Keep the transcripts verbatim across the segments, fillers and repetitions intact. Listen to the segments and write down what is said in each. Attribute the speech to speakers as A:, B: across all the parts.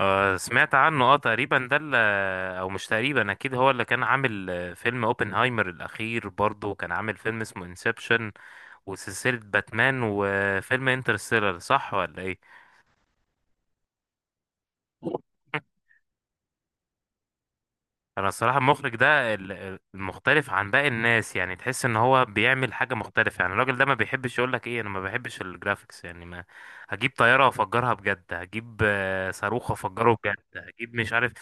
A: آه، سمعت عنه اه تقريبا ده اللي او مش تقريبا اكيد هو اللي كان عامل آه، فيلم اوبنهايمر الاخير برضه، وكان عامل فيلم اسمه انسبشن وسلسلة باتمان وفيلم انترستيلر، صح ولا ايه. انا الصراحه المخرج ده ال- ال- المختلف عن باقي الناس، يعني تحس ان هو بيعمل حاجه مختلفه. يعني الراجل ده ما بيحبش يقول لك ايه، انا ما بحبش الجرافيكس، يعني ما هجيب طياره وافجرها بجد، هجيب آه، صاروخ وافجره بجد، هجيب مش عارف.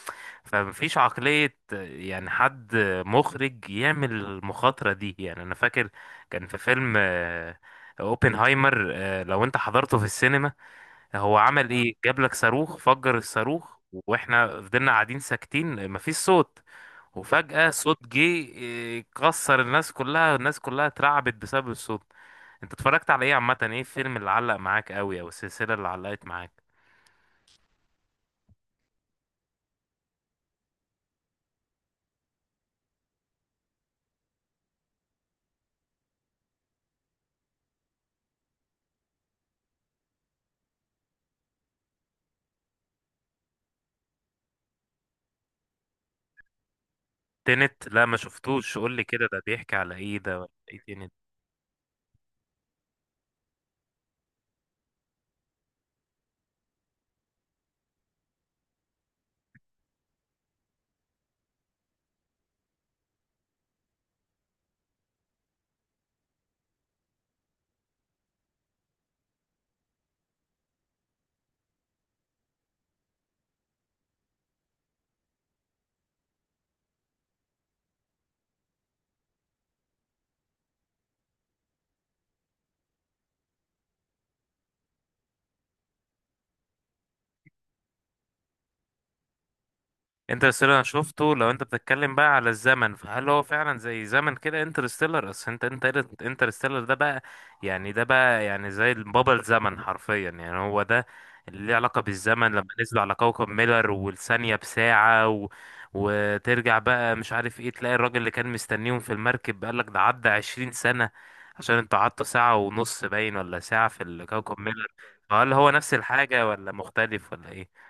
A: فمفيش عقليه آه، يعني حد مخرج يعمل المخاطره دي. يعني انا فاكر كان في فيلم آه، اوبنهايمر، آه، لو انت حضرته في السينما، هو عمل ايه؟ جاب لك صاروخ، فجر الصاروخ واحنا فضلنا قاعدين ساكتين مفيش صوت، وفجأة صوت جه إيه، كسر الناس كلها، الناس كلها اترعبت بسبب الصوت. انت اتفرجت على ايه عامة؟ ايه الفيلم اللي علق معاك قوي او السلسلة اللي علقت معاك؟ تنت لا ما شفتوش، قول لي كده ده بيحكي على ايه، ده ولا ايه؟ انترستيلر انا شفته. لو انت بتتكلم بقى على الزمن، فهل هو فعلا زي زمن كده؟ انترستيلر اصل انت انت انترستيلر ده بقى يعني ده بقى يعني زي بابا الزمن حرفيا، يعني هو ده اللي ليه علاقة بالزمن. لما نزلوا على كوكب ميلر والثانية بساعة و... وترجع بقى مش عارف ايه، تلاقي الراجل اللي كان مستنيهم في المركب قالك ده عدى عشرين سنة، عشان انتوا قعدتوا ساعة ونص باين ولا ساعة في الكوكب ميلر. فهل هو نفس الحاجة ولا مختلف ولا ايه؟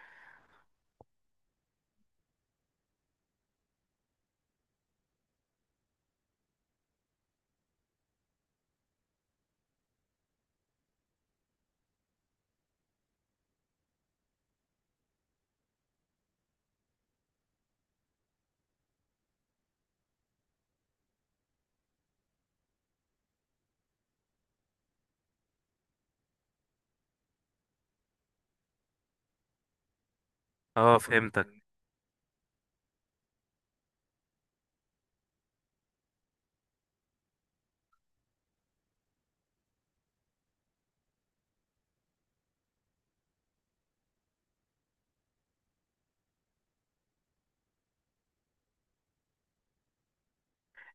A: اه، فهمتك.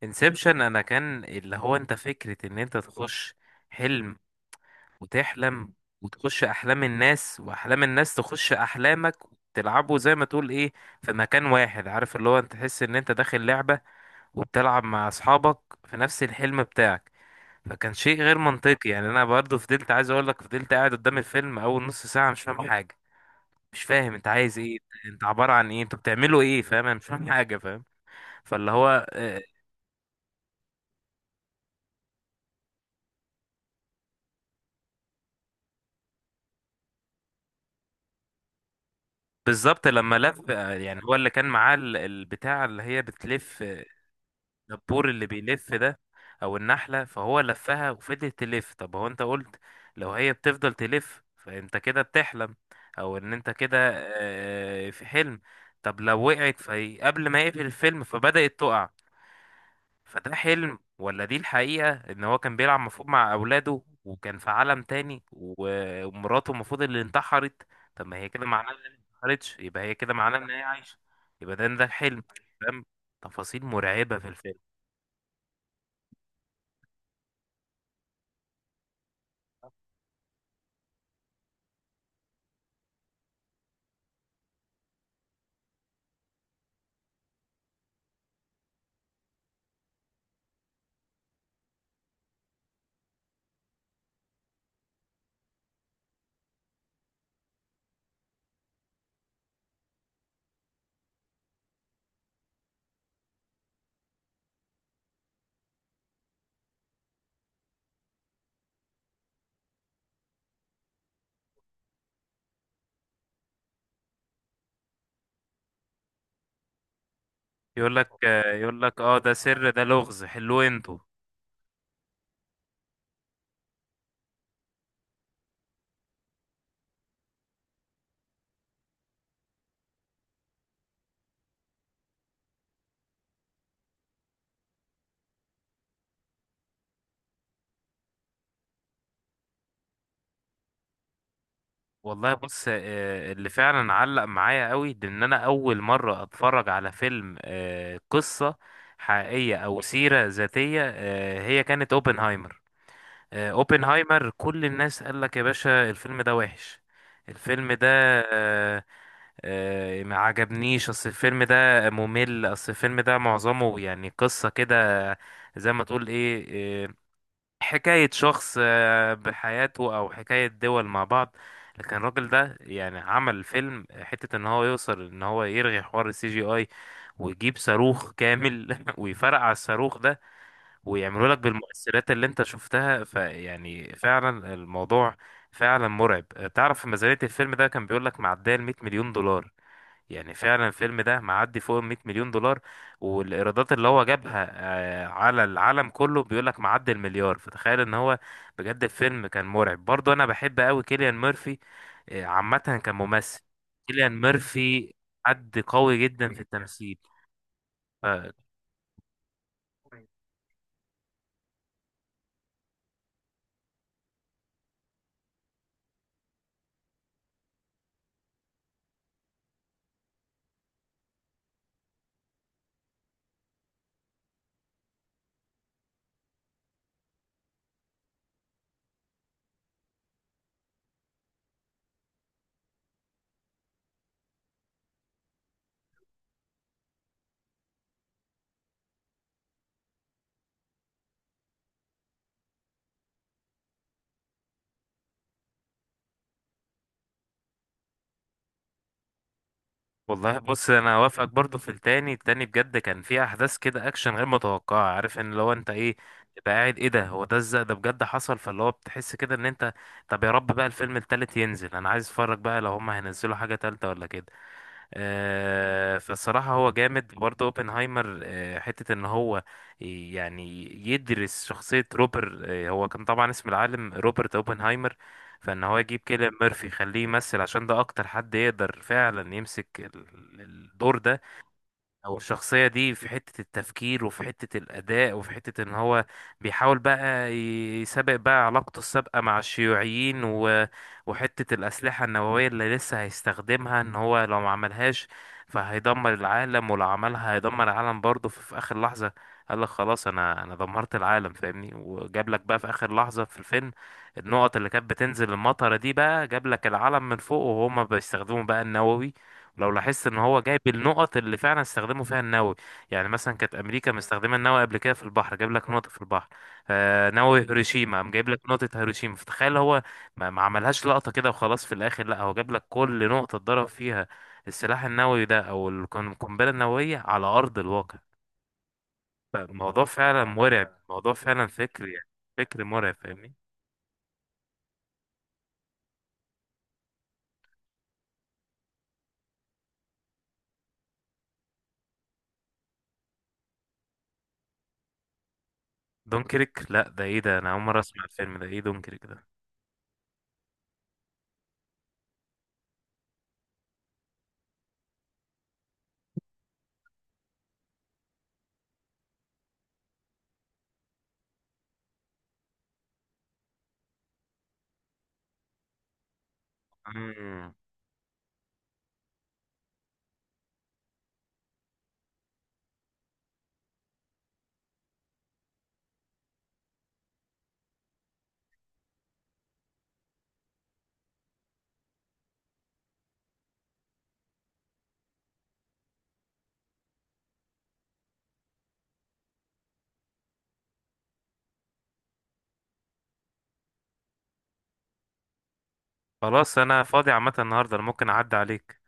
A: انسبشن انا كان اللي هو انت، فكرة ان انت تخش حلم وتحلم، وتخش احلام الناس واحلام الناس تخش احلامك، تلعبوا زي ما تقول ايه في مكان واحد. عارف اللي هو انت تحس ان انت داخل لعبة وبتلعب مع اصحابك في نفس الحلم بتاعك. فكان شيء غير منطقي. يعني انا برضو فضلت عايز اقول لك فضلت قاعد قدام الفيلم اول نص ساعة مش فاهم حاجة، مش فاهم انت عايز ايه، انت عبارة عن ايه، انتوا بتعملوا ايه، فاهم، انا مش فاهم حاجة، فاهم. فاللي هو آه، بالظبط لما لف، آه، يعني هو اللي كان معاه ال- البتاع اللي هي بتلف، الدبور اللي بيلف ده او النحلة. فهو لفها وفضلت تلف. طب هو انت قلت لو هي بتفضل تلف فانت كده بتحلم او ان انت كده آه، في حلم. طب لو وقعت فهي قبل ما يقفل الفيلم فبدأت تقع، فده حلم ولا دي الحقيقة؟ ان هو كان بيلعب مفروض مع اولاده وكان في عالم تاني و- ومراته المفروض اللي انتحرت. طب ما هي كده معناها ان هي ما انتحرتش، يبقى هي كده معناها ان هي عايشة. يبقى ده ده الحلم، فاهم. تفاصيل مرعبة في الفيلم. يقول لك يقول لك اه ده سر، ده لغز حلوه انتوا. والله بص، آه، اللي فعلا علق معايا قوي ده ان انا اول مرة اتفرج على فيلم آه، قصة حقيقية او سيرة ذاتية، آه، هي كانت اوبنهايمر. آه، اوبنهايمر كل الناس قال لك يا باشا الفيلم ده وحش، الفيلم ده آه، آه، ما عجبنيش. اصل الفيلم ده ممل، اصل الفيلم ده معظمه يعني قصة كده زي ما تقول ايه، آه، حكاية شخص آه، بحياته او حكاية دول مع بعض. لكن الراجل ده يعني عمل فيلم حتة ان هو يوصل ان هو يرغي حوار السي جي اي، ويجيب صاروخ كامل ويفرقع الصاروخ ده ويعملوا لك بالمؤثرات اللي انت شفتها. فيعني فعلا الموضوع فعلا مرعب. تعرف في ميزانية الفيلم ده كان بيقول لك معدية ال مية مليون دولار، يعني فعلا الفيلم ده معدي فوق ال مية مليون دولار، والايرادات اللي هو جابها آه، على العالم كله بيقول لك معدي المليار. فتخيل ان هو بجد الفيلم كان مرعب برضه. انا بحب قوي كيليان ميرفي آه، عامة كممثل. كيليان ميرفي حد قوي جدا في التمثيل. والله بص انا اوافقك برضو في التاني. التاني بجد كان فيه احداث كده اكشن غير متوقعه، عارف ان لو انت ايه تبقى قاعد ايه ده، هو ده ازاي ده بجد حصل. فاللي هو بتحس كده ان انت. طب يا رب بقى الفيلم التالت ينزل، انا عايز اتفرج بقى لو هما هينزلوا حاجه تالته ولا كده. آه، فالصراحة هو جامد برضه اوبنهايمر، آه، حتة ان هو يعني يدرس شخصية روبر، آه، هو كان طبعا اسم العالم روبرت اوبنهايمر. فان هو يجيب كيليان ميرفي يخليه يمثل عشان ده اكتر حد يقدر فعلا يمسك ال- الدور ده او الشخصية دي، في حتة التفكير وفي حتة الأداء وفي حتة إن هو بيحاول بقى يسابق بقى علاقته السابقة مع الشيوعيين و... وحتة الأسلحة النووية اللي لسه هيستخدمها. إن هو لو ما عملهاش فهيدمر العالم، ولو عملها هيدمر العالم برضه. في, في آخر لحظة قال لك خلاص أنا أنا دمرت العالم فاهمني. وجاب لك بقى في آخر لحظة في الفيلم النقط اللي كانت بتنزل المطرة دي، بقى جاب لك العلم من فوق وهما بيستخدموا بقى النووي. لو لاحظت ان هو جايب النقط اللي فعلا استخدموا فيها النووي، يعني مثلا كانت امريكا مستخدمه النووي قبل كده في البحر، جايب لك نقطه في البحر. آه نووي هيروشيما، قام جايب لك نقطه هيروشيما. فتخيل هو ما, ما عملهاش لقطه كده وخلاص في الاخر، لا هو جاب لك كل نقطه اتضرب فيها السلاح النووي ده او القن- القنبله النوويه على ارض الواقع. الموضوع فعلا مرعب، الموضوع فعلا فكر، يعني فكر مرعب فاهمني. دونكريك؟ لا ده ايه ده، انا اول مره اسمع الفيلم ده، ايه دونكريك ده؟ مم. خلاص انا فاضي عامه النهارده، أنا ممكن اعدي عليك.